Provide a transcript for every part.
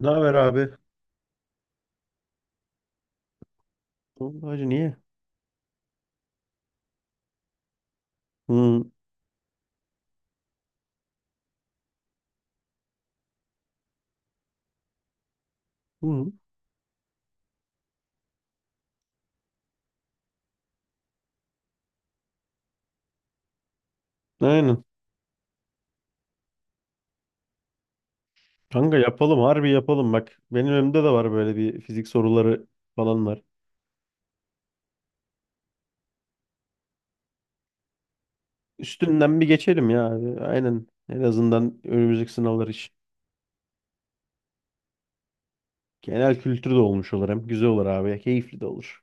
Ne haber abi? Oğlum Hacı niye? Hı, hı. Aynen. Kanka yapalım, harbi yapalım bak. Benim önümde de var böyle bir fizik soruları falan var. Üstünden bir geçelim ya abi. Aynen. En azından önümüzdeki sınavlar için. Genel kültür de olmuş olur hem. Güzel olur abi. Keyifli de olur.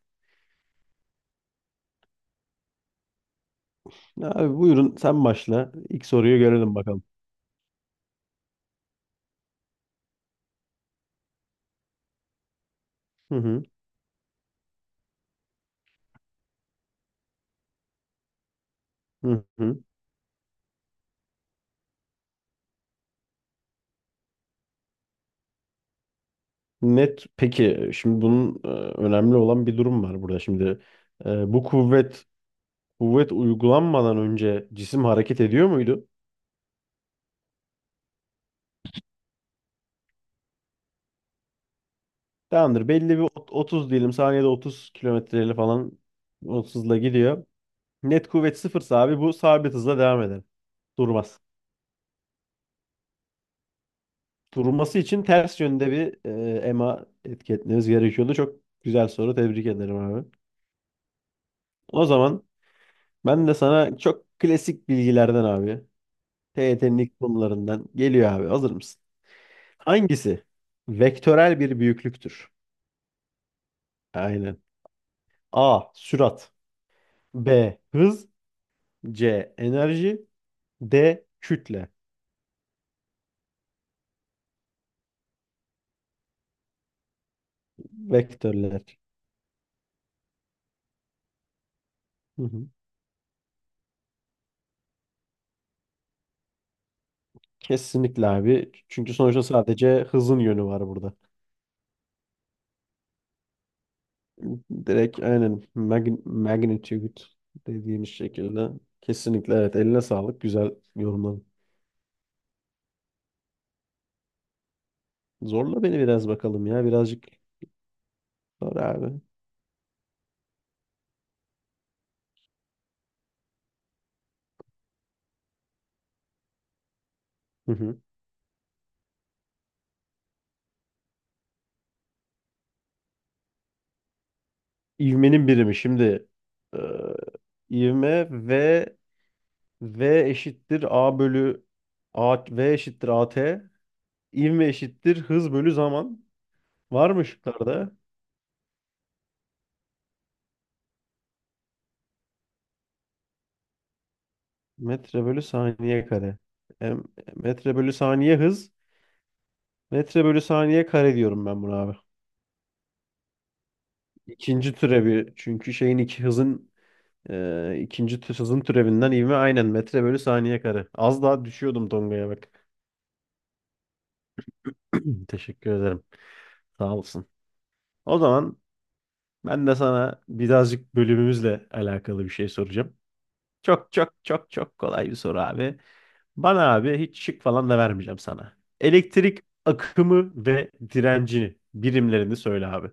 Abi buyurun sen başla. İlk soruyu görelim bakalım. Hı hı. Hı hı. Net. Peki şimdi bunun önemli olan bir durum var burada. Şimdi bu kuvvet kuvvet uygulanmadan önce cisim hareket ediyor muydu? Tamamdır. Belli bir 30 diyelim. Saniyede 30 kilometreyle falan 30'la gidiyor. Net kuvvet sıfırsa abi bu sabit hızla devam eder. Durmaz. Durması için ters yönde bir EMA etki etmemiz gerekiyordu. Çok güzel soru. Tebrik ederim abi. O zaman ben de sana çok klasik bilgilerden abi. TYT'nin ilk konularından geliyor abi. Hazır mısın? Hangisi vektörel bir büyüklüktür? Aynen. A. Sürat. B. Hız. C. Enerji. D. Kütle. Vektörler. Hı hı. Kesinlikle abi. Çünkü sonuçta sadece hızın yönü var burada. Direkt aynen magnitude dediğimiz şekilde. Kesinlikle evet. Eline sağlık. Güzel yorumladın. Zorla beni biraz bakalım ya. Birazcık zor abi. Hı hı. İvmenin birimi. Şimdi e, ivme V eşittir A bölü A, V eşittir a t. İvme eşittir hız bölü zaman. Var mı şıklarda? Metre bölü saniye kare. Em- metre bölü saniye hız. Metre bölü saniye kare diyorum ben buna abi. İkinci türevi. Çünkü şeyin iki hızın hızın türevinden ivme aynen metre bölü saniye kare. Az daha düşüyordum Tonga'ya bak. Teşekkür ederim. Sağ olsun. O zaman ben de sana birazcık bölümümüzle alakalı bir şey soracağım. Çok çok çok çok kolay bir soru abi. Bana abi hiç şık falan da vermeyeceğim sana. Elektrik akımı ve direncini birimlerini söyle abi.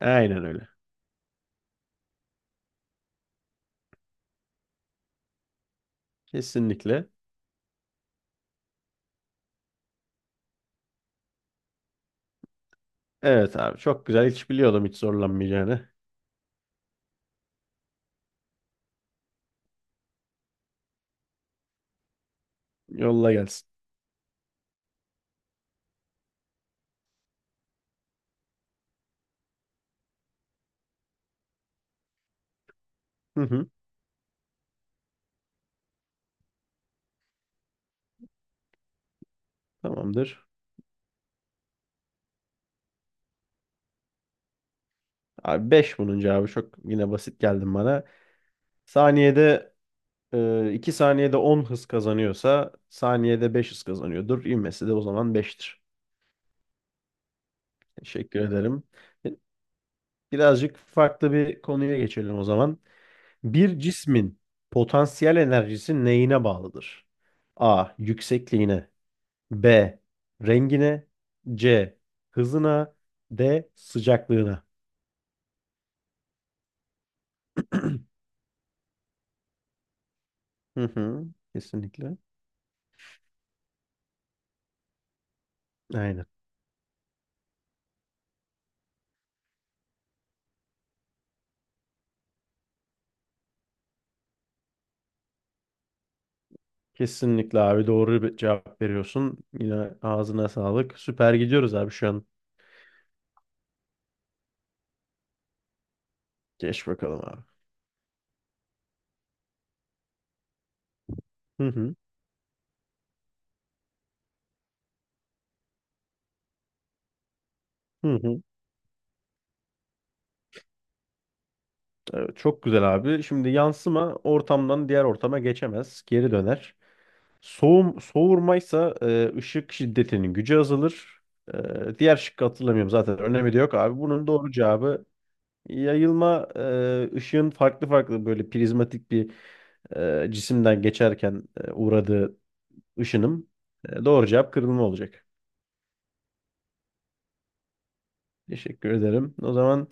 Aynen öyle. Kesinlikle. Evet abi çok güzel. Hiç biliyordum hiç zorlanmayacağını. Yolla gelsin. Hı hı, tamamdır. Abi 5 bunun cevabı çok yine basit geldin bana. Saniyede 2 saniyede 10 hız kazanıyorsa saniyede 5 hız kazanıyordur. İvmesi de o zaman beştir. Teşekkür ederim. E, Birazcık farklı bir konuya geçelim o zaman. Bir cismin potansiyel enerjisi neyine bağlıdır? A. Yüksekliğine. B. Rengine. C. Hızına. D. Sıcaklığına. Hı hı, kesinlikle. Aynen. Kesinlikle abi doğru bir cevap veriyorsun. Yine ağzına sağlık. Süper gidiyoruz abi şu an. Geç bakalım abi. Hı hı. Hı hı. Evet, çok güzel abi. Şimdi yansıma ortamdan diğer ortama geçemez. Geri döner. Soğum, soğurmaysa ışık şiddetinin gücü azalır. Diğer şıkkı hatırlamıyorum zaten. Önemi de yok abi. Bunun doğru cevabı yayılma, ışığın farklı farklı böyle prizmatik bir cisimden geçerken uğradığı ışınım. Doğru cevap kırılma olacak. Teşekkür ederim. O zaman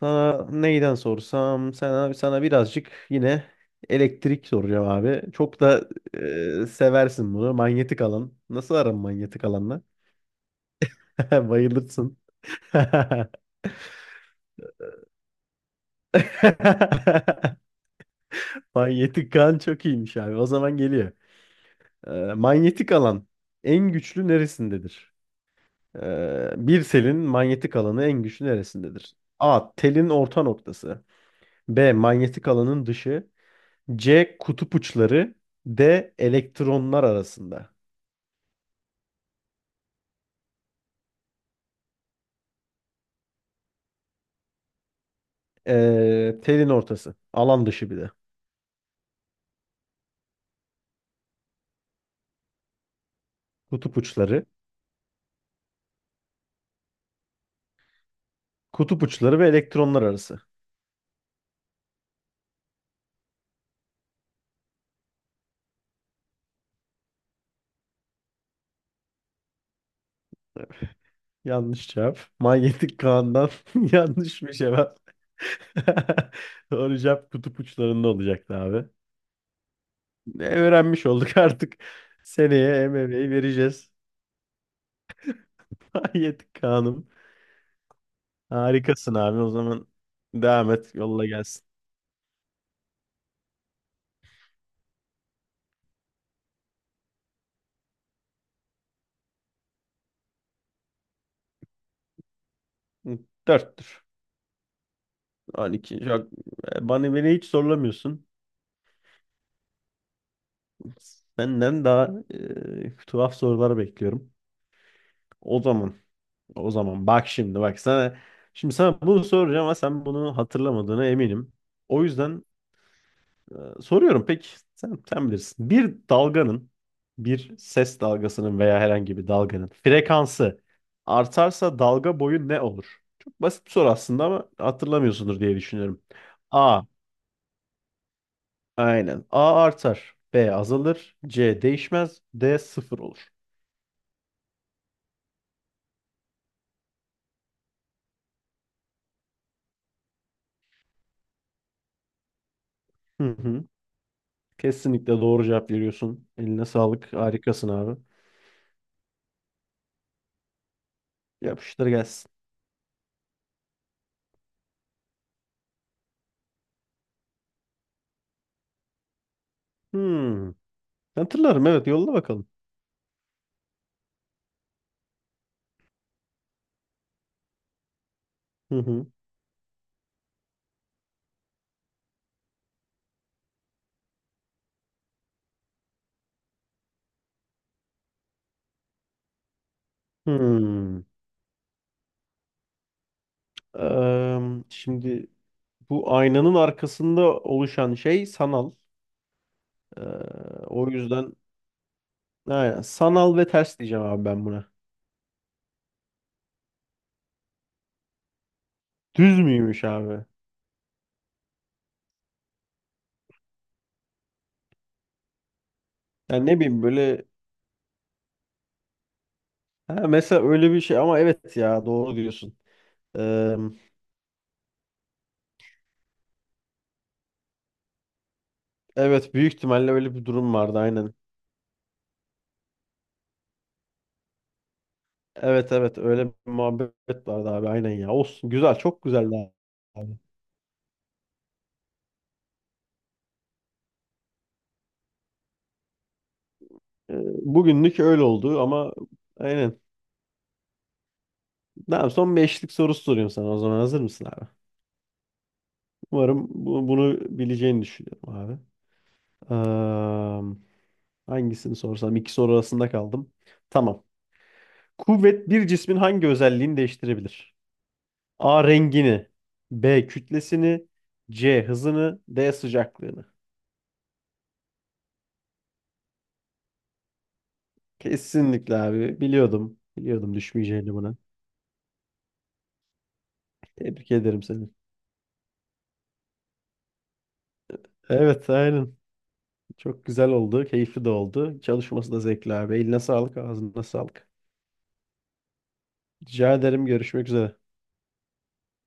sana neyden sorsam, sana birazcık yine elektrik soracağım abi. Çok da seversin bunu. Manyetik alan. Nasıl aran manyetik alanla? Bayılırsın. Manyetik alan çok iyiymiş abi. O zaman geliyor. Manyetik alan en güçlü neresindedir? Bir selin manyetik alanı en güçlü neresindedir? A. Telin orta noktası. B. Manyetik alanın dışı. C. Kutup uçları. D. Elektronlar arasında. Telin ortası. Alan dışı bir de. Kutup uçları. Kutup uçları ve elektronlar arası. Yanlış cevap. Manyetik kandan yanlış bir cevap. Doğru cevap kutup uçlarında olacaktı abi. Öğrenmiş olduk artık. Seneye MMA'yi vereceğiz. Hayet Kaan'ım. Harikasın abi. O zaman devam et. Yolla gelsin. Dörttür. 12. Bana beni hiç zorlamıyorsun. Senden daha tuhaf sorular bekliyorum. O zaman. Bak şimdi, sana bunu soracağım ama sen bunu hatırlamadığına eminim. O yüzden soruyorum peki sen bilirsin. Bir ses dalgasının veya herhangi bir dalganın frekansı artarsa dalga boyu ne olur? Çok basit bir soru aslında ama hatırlamıyorsundur diye düşünüyorum. A. Aynen. A artar. B azalır. C değişmez. D sıfır olur. Hı hı. Kesinlikle doğru cevap veriyorsun. Eline sağlık. Harikasın abi. Yapıştır gelsin. Hmm. Hatırlarım evet, yolla bakalım. Hı hı. Hmm. Eee, şimdi bu aynanın arkasında oluşan şey sanal. Ee, o yüzden aynen, sanal ve ters diyeceğim abi ben buna. Düz müymüş abi? Yani ne bileyim böyle, ha, mesela öyle bir şey, ama evet ya doğru diyorsun. Ee, evet büyük ihtimalle öyle bir durum vardı aynen. Evet, evet öyle bir muhabbet vardı abi aynen ya. Olsun, güzel, çok güzeldi abi. Ee, bugünlük öyle oldu ama aynen. Tamam, son beşlik sorusu soruyorum sana o zaman, hazır mısın abi? Umarım bunu bileceğini düşünüyorum abi. Am, hangisini sorsam? İki soru arasında kaldım. Tamam. Kuvvet bir cismin hangi özelliğini değiştirebilir? A. Rengini. B. Kütlesini. C. Hızını. D. Sıcaklığını. Kesinlikle abi. Biliyordum. Biliyordum düşmeyeceğini buna. Tebrik ederim seni. Evet, aynen. Çok güzel oldu. Keyifli de oldu. Çalışması da zevkli abi. Eline sağlık, ağzına sağlık. Rica ederim. Görüşmek üzere.